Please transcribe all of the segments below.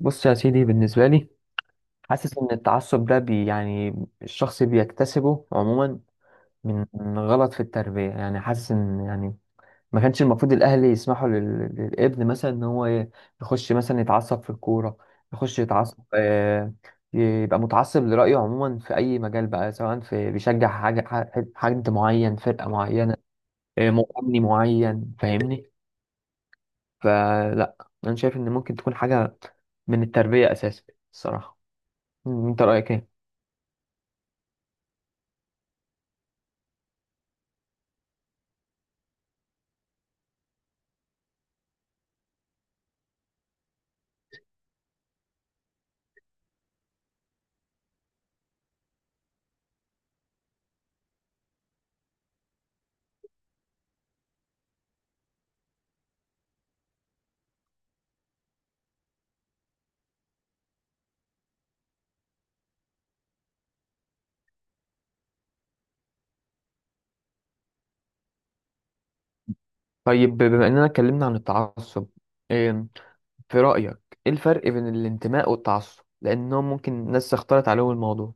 بص يا سيدي بالنسبة لي حاسس إن التعصب ده يعني الشخص بيكتسبه عموما من غلط في التربية يعني حاسس إن يعني ما كانش المفروض الأهل يسمحوا للابن مثلا إن هو يخش مثلا يتعصب في الكورة، يخش يتعصب، يبقى متعصب لرأيه عموما في أي مجال بقى، سواء في بيشجع حاجة، حد معين، فرقة معينة، مغني معين، فاهمني؟ فلا، أنا شايف إن ممكن تكون حاجة من التربية أساسا، الصراحة. أنت رأيك إيه؟ طيب، بما اننا اتكلمنا عن التعصب، إيه في رأيك ايه الفرق بين الانتماء والتعصب، لانهم ممكن ناس اختلط عليهم الموضوع؟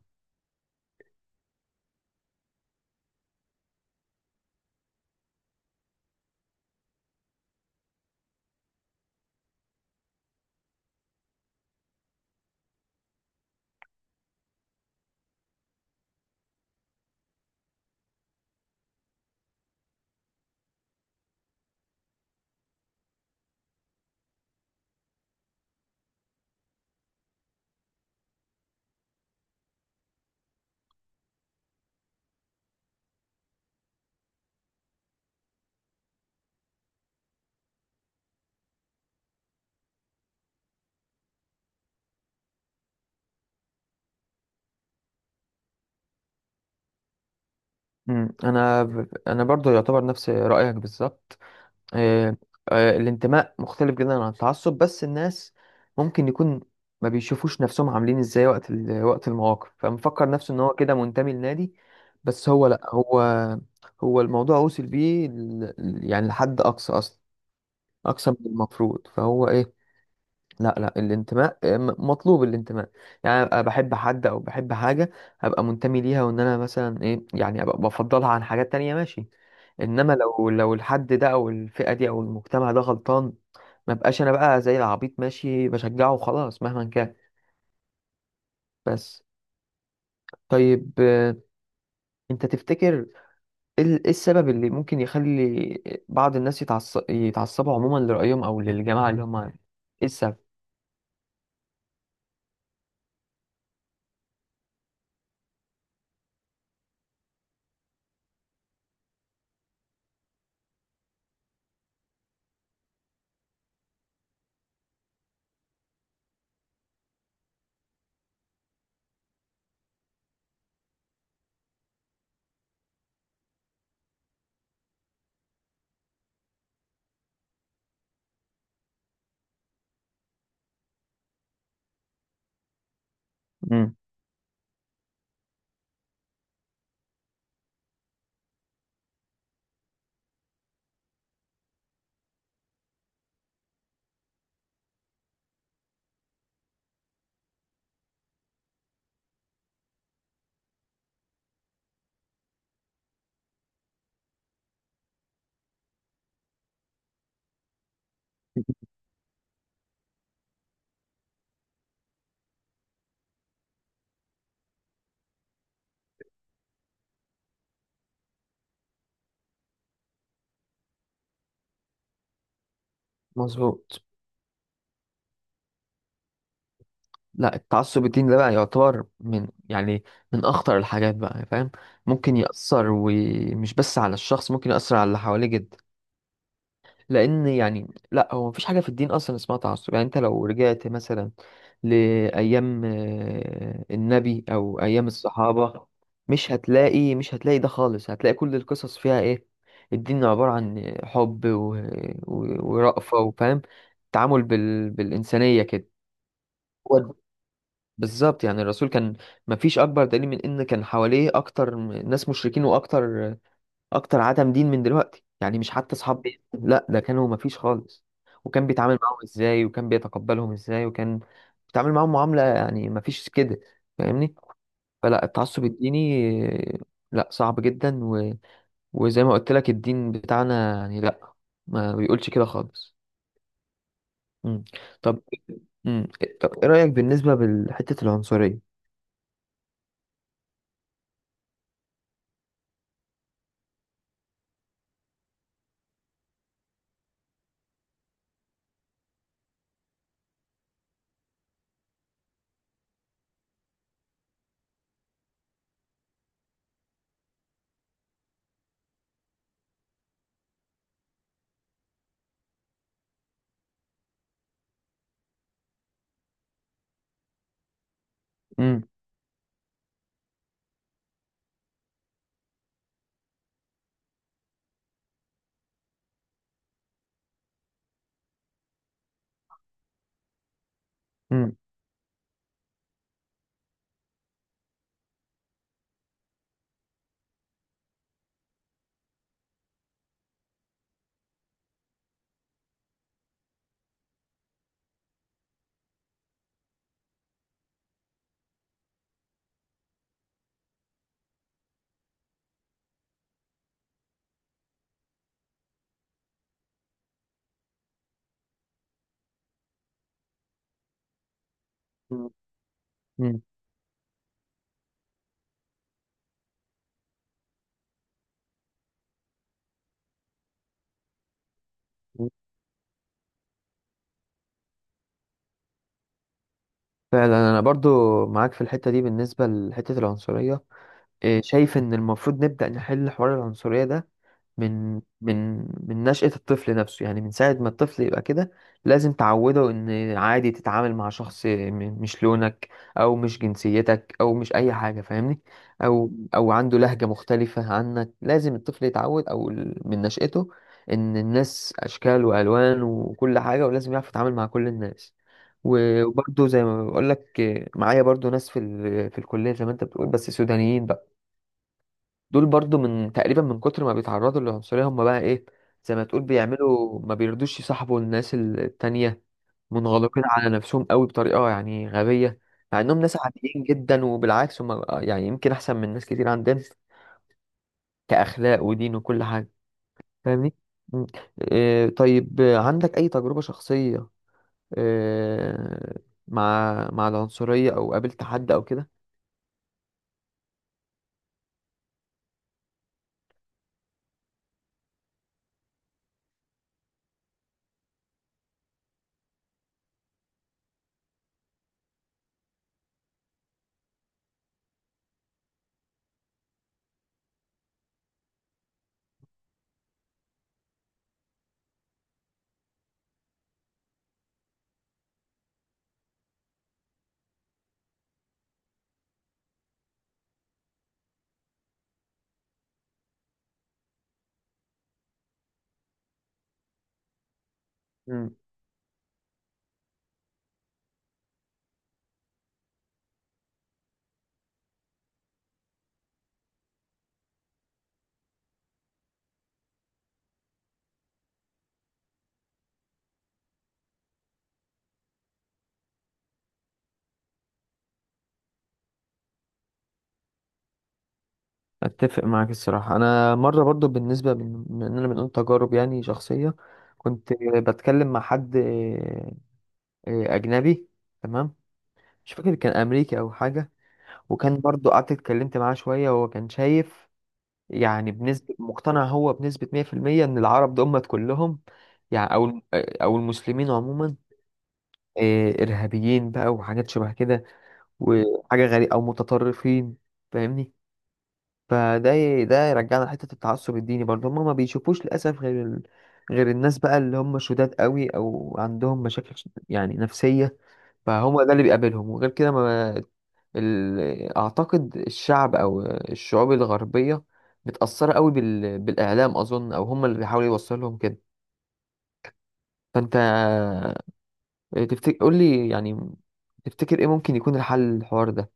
مم، انا برضو يعتبر نفس رأيك بالظبط. إيه، الانتماء مختلف جدا عن التعصب، بس الناس ممكن يكون ما بيشوفوش نفسهم عاملين ازاي وقت وقت المواقف، فمفكر نفسه ان هو كده منتمي لنادي، بس هو لا، هو الموضوع وصل بيه يعني لحد اقصى اصلا، اقصى من المفروض. فهو ايه، لا الانتماء، مطلوب الانتماء، يعني ابقى بحب حد او بحب حاجه، ابقى منتمي ليها، وان انا مثلا ايه يعني ابقى بفضلها عن حاجات تانية، ماشي. انما لو الحد ده او الفئه دي او المجتمع ده غلطان، ما بقاش انا بقى زي العبيط ماشي بشجعه وخلاص مهما كان. بس طيب، انت تفتكر ايه إيه السبب اللي ممكن يخلي بعض الناس يتعصبوا عموما لرأيهم او للجماعه اللي هم، ايه السبب؟ مم. مظبوط. لا التعصب الديني ده بقى يعتبر من يعني من اخطر الحاجات بقى، فاهم؟ ممكن يأثر ومش بس على الشخص، ممكن يأثر على اللي حواليه جدا، لان يعني لا هو مفيش حاجة في الدين اصلا اسمها تعصب. يعني انت لو رجعت مثلا لأيام النبي او ايام الصحابة، مش هتلاقي ده خالص، هتلاقي كل القصص فيها ايه، الدين عبارة عن حب ورأفة وفاهم، تعامل بالإنسانية كده. بالظبط، يعني الرسول كان، مفيش اكبر دليل من ان كان حواليه اكتر ناس مشركين واكتر عدم دين من دلوقتي، يعني مش حتى اصحاب بيت، لا ده كانوا مفيش خالص. وكان بيتعامل معاهم ازاي، وكان بيتقبلهم ازاي، وكان بيتعامل معاهم معاملة يعني مفيش كده، فاهمني؟ فلا التعصب الديني، آه، لا صعب جدا، وزي ما قلت لك الدين بتاعنا يعني لا، ما بيقولش كده خالص. مم. طب، مم. إيه، طب ايه رأيك بالنسبة لحتة العنصرية؟ مم. مم. مم. فعلا انا برضو معاك في الحتة دي. بالنسبة لحتة العنصرية، إيه، شايف ان المفروض نبدأ نحل حوار العنصرية ده من من من نشأة الطفل نفسه، يعني من ساعة ما الطفل يبقى كده، لازم تعوده إن عادي تتعامل مع شخص مش لونك، أو مش جنسيتك، أو مش أي حاجة، فاهمني؟ أو عنده لهجة مختلفة عنك. لازم الطفل يتعود أو من نشأته إن الناس أشكال وألوان وكل حاجة، ولازم يعرف يتعامل مع كل الناس. و- وبرضه زي ما بقول لك، معايا برضه ناس في في الكلية زي ما أنت بتقول، بس سودانيين بقى. دول برضو من تقريبا من كتر ما بيتعرضوا للعنصرية هم بقى ايه، زي ما تقول بيعملوا ما بيرضوش يصاحبوا الناس التانية، منغلقين على نفسهم قوي بطريقة يعني غبية، مع انهم ناس عاديين جدا، وبالعكس هم يعني يمكن احسن من ناس كتير عندنا كأخلاق ودين وكل حاجة، فاهمني؟ مم. إيه طيب، عندك اي تجربة شخصية، إيه، مع العنصرية او قابلت حد او كده؟ اتفق معاك الصراحه. انا مره برضو، بالنسبه من اننا بنقول تجارب يعني شخصيه، كنت بتكلم مع حد اجنبي، تمام، مش فاكر كان امريكي او حاجه، وكان برضو قعدت اتكلمت معاه شويه، وهو كان شايف يعني بنسبه، مقتنع هو بنسبه 100% ان العرب دول كلهم يعني او المسلمين عموما ارهابيين بقى وحاجات شبه كده، وحاجه غريبه او متطرفين، فاهمني؟ فده ده يرجعنا لحتة التعصب الديني برضه. هما ما بيشوفوش للأسف غير غير الناس بقى اللي هم شداد قوي أو عندهم مشاكل يعني نفسية، فهو ده اللي بيقابلهم. وغير كده ما ال... أعتقد الشعب أو الشعوب الغربية متأثرة قوي بالإعلام أظن، أو هم اللي بيحاولوا يوصلوا لهم كده. فأنت تفتكر، قول لي يعني، تفتكر إيه ممكن يكون الحل للحوار ده؟